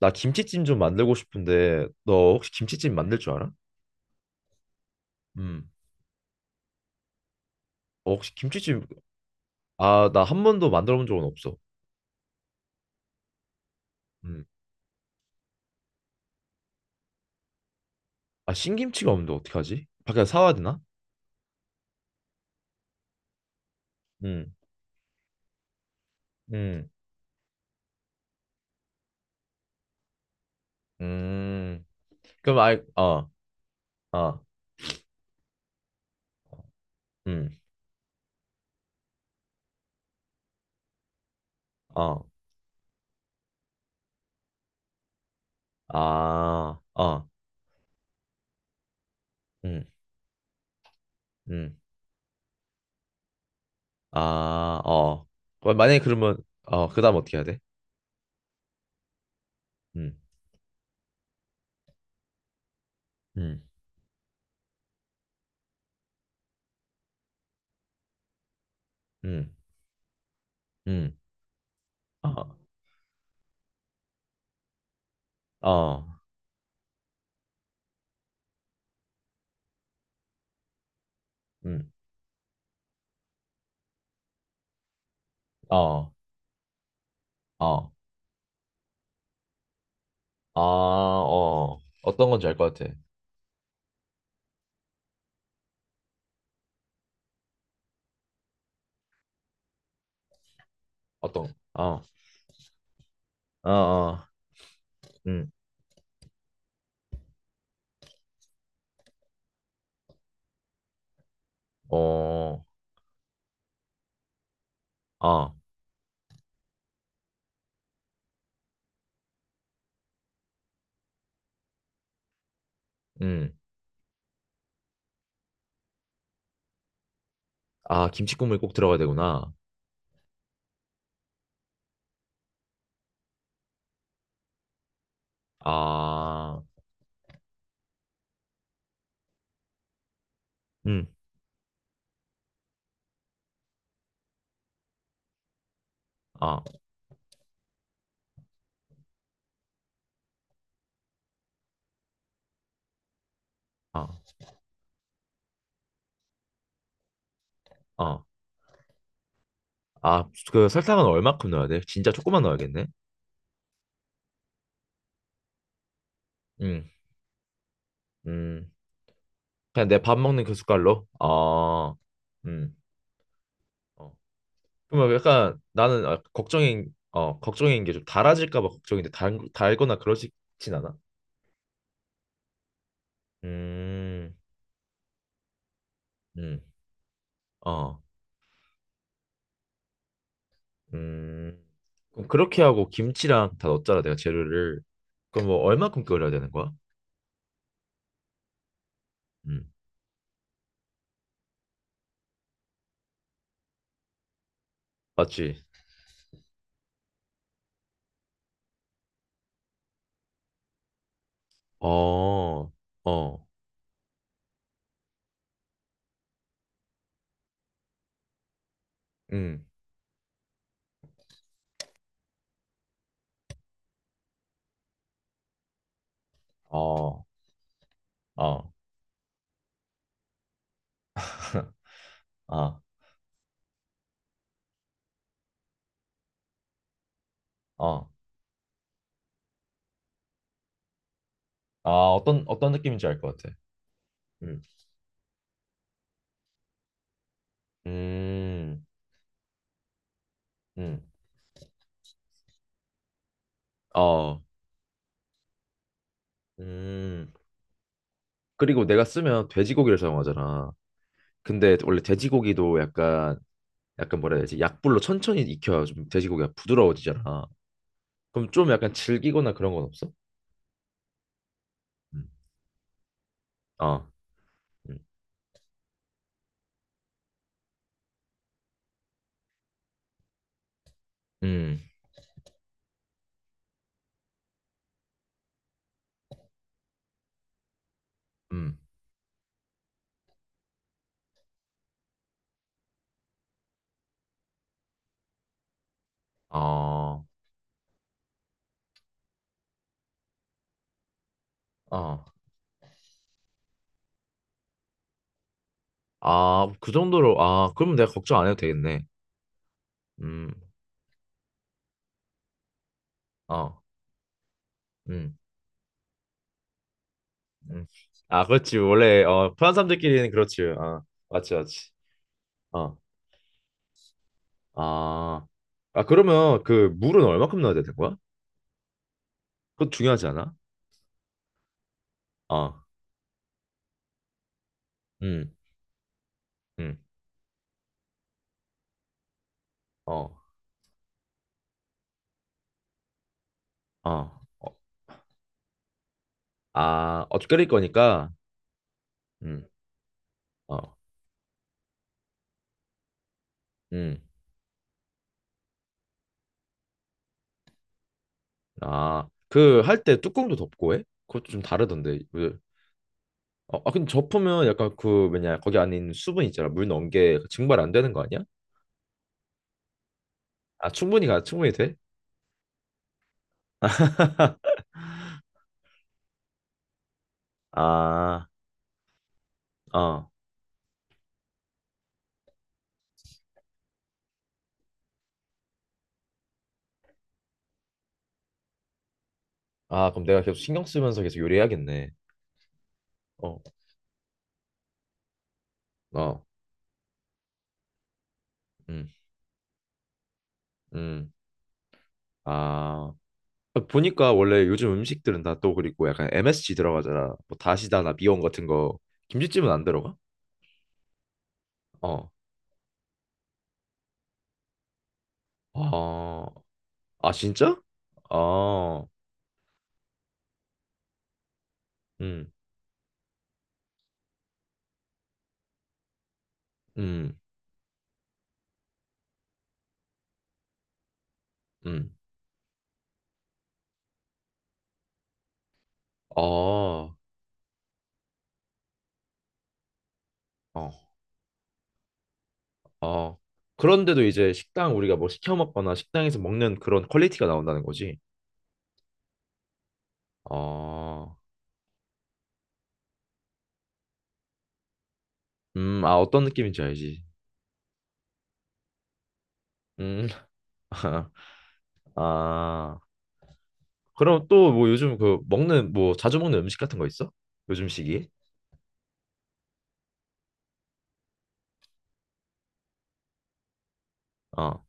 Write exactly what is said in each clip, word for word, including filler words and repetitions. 나 김치찜 좀 만들고 싶은데 너 혹시 김치찜 만들 줄 알아? 음. 어, 혹시 김치찜 아, 나 한 번도 만들어 본 적은 없어. 음. 아, 신김치가 없는데 어떡하지? 밖에서 사와야 되나? 음. 음. 음. 그럼 아이 어. 어. 음. 어. 아. 어. 음. 음. 아, 어. 그럼 만약에 그러면 어, 그다음 어떻게 해야 돼? 음. 음. 음. 음. 어. 어. 음. 어. 어. 아, 어. 어떤 건지 알 것 같아. 어떤? 어, 어, 어, 음, 어, 아, 음, 아, 김치국물 꼭 들어가야 되구나. 아, 음, 아, 아, 아, 아, 그 설탕은 얼마큼 넣어야 돼? 진짜 조금만 넣어야겠네. 음, 음, 그냥 내 밥 먹는 그 숟갈로. 아, 음, 어. 그러면 약간 나는 아, 걱정인, 어, 걱정인 게 좀 달아질까 봐 걱정인데 달, 달거나 그러진 않아? 음, 음, 어, 음. 그럼 그렇게 하고 김치랑 다 넣었잖아, 내가 재료를. 그럼 뭐 얼마큼 끓여야 되는 거야? 음. 맞지? 어, 어, 음, 어, 어, 아, 어, 아, 어떤 어떤 느낌인지 알 것 같아. 음, 음, 음, 어, 음. 그리고 내가 쓰면 돼지고기를 사용하잖아. 근데 원래 돼지고기도 약간 약간 뭐라 해야 되지? 약불로 천천히 익혀야 좀 돼지고기가 부드러워지잖아. 그럼 좀 약간 질기거나 그런 건 없어? 음. 어. 음, 음. 아, 아, 아, 그 정도로, 아, 그럼 내가 걱정 안 해도 되겠네. 음, 어, 음, 음. 아, 그렇지. 원래, 어, 편한 사람들끼리는 그렇지. 아, 맞지, 맞지. 어, 아, 아, 그러면 그 물은 얼마큼 넣어야 되는 거야? 그거 중요하지 않아? 어, 음, 음, 어, 어, 어. 아, 어 끓일 거니까, 음, 어, 음, 아, 그 할 때 뚜껑도 덮고 해? 그것도 좀 다르던데. 어, 아, 근데 접으면 약간 그 뭐냐 거기 안에 있는 수분 있잖아 물 넣은 게 증발 안 되는 거 아니야? 아 충분히 가 충분히 돼? 아, 어. 아 그럼 내가 계속 신경 쓰면서 계속 요리해야겠네. 어, 어, 음, 음. 아 아, 보니까 원래 요즘 음식들은 다 또 그리고 약간 엠에스지 들어가잖아. 뭐 다시다나 미원 같은 거 김치찜은 안 들어가? 어, 어, 아 진짜? 아, 음, 음, 음. 아, 어. 아, 그런데도 이제 식당 우리가 뭐 시켜 먹거나 식당에서 먹는 그런 퀄리티가 나온다는 거지. 아, 음, 아, 어떤 느낌인지 알지. 음, 아, 그럼 또 뭐 요즘 그 먹는 뭐 자주 먹는 음식 같은 거 있어? 요즘 시기에? 어,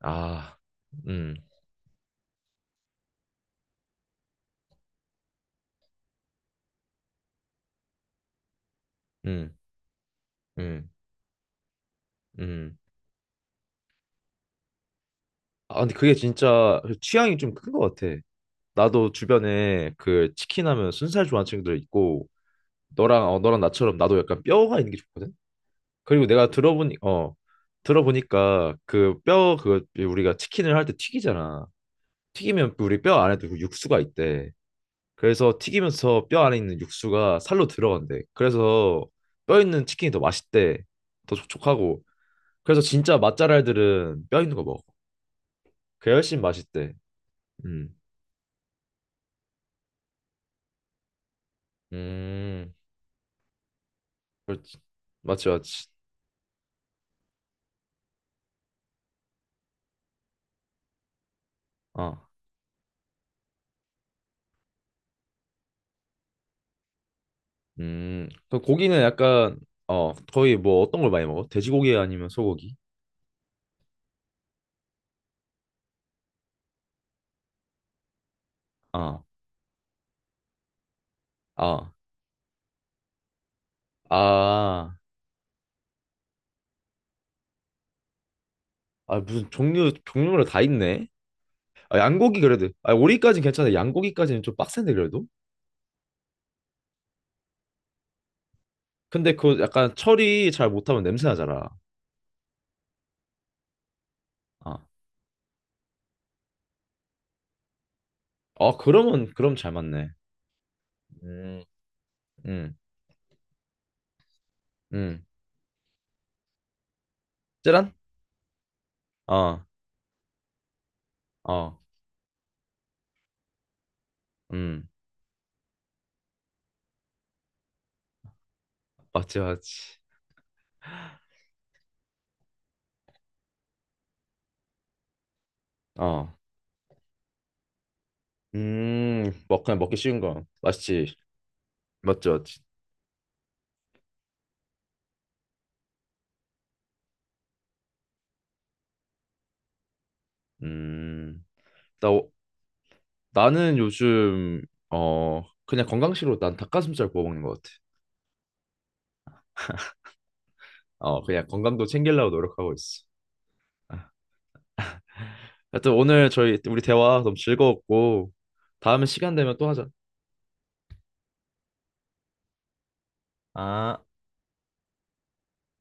아, 음, 음, 음, 음. 아, 근데 그게 진짜 취향이 좀 큰 것 같아. 나도 주변에 그 치킨 하면 순살 좋아하는 친구들 있고, 너랑, 어, 너랑 나처럼 나도 약간 뼈가 있는 게 좋거든? 그리고 내가 들어보니 어 들어보니까 그 뼈 그 우리가 치킨을 할 때 튀기잖아. 튀기면 우리 뼈 안에 도 육수가 있대. 그래서 튀기면서 뼈 안에 있는 육수가 살로 들어간대. 그래서 뼈 있는 치킨이 더 맛있대. 더 촉촉하고. 그래서 진짜 맛잘알들은 뼈 있는 거 먹어. 그게 훨씬 맛있대. 음. 음. 그렇지. 맞지 맞지. 어. 음. 그 고기는 약간 어 거의 뭐 어떤 걸 많이 먹어? 돼지고기 아니면 소고기? 아. 아. 아, 아 무슨 종류 종류별로 다 있네. 아, 양고기 그래도 아 오리까진 괜찮아. 양고기까지는 좀 빡센데 그래도. 근데 그 약간 처리 잘 못하면 냄새 나잖아. 아, 어 그러면 그럼 잘 맞네. 음, 음, 음, 찌란? 어, 어, 음, 맞지, 맞지. 어, 음, 먹 그냥 먹기 쉬운 거 맞지, 맞지, 맞지. 음, 나 오- 나는 요즘 어 그냥 건강식으로 난 닭가슴살 구워 먹는 것 같아. 어, 그냥 건강도 챙기려고 노력하고 있어. 아, 하여튼 오늘 저희 우리 대화 너무 즐거웠고 다음에 시간 되면 또 하자. 아.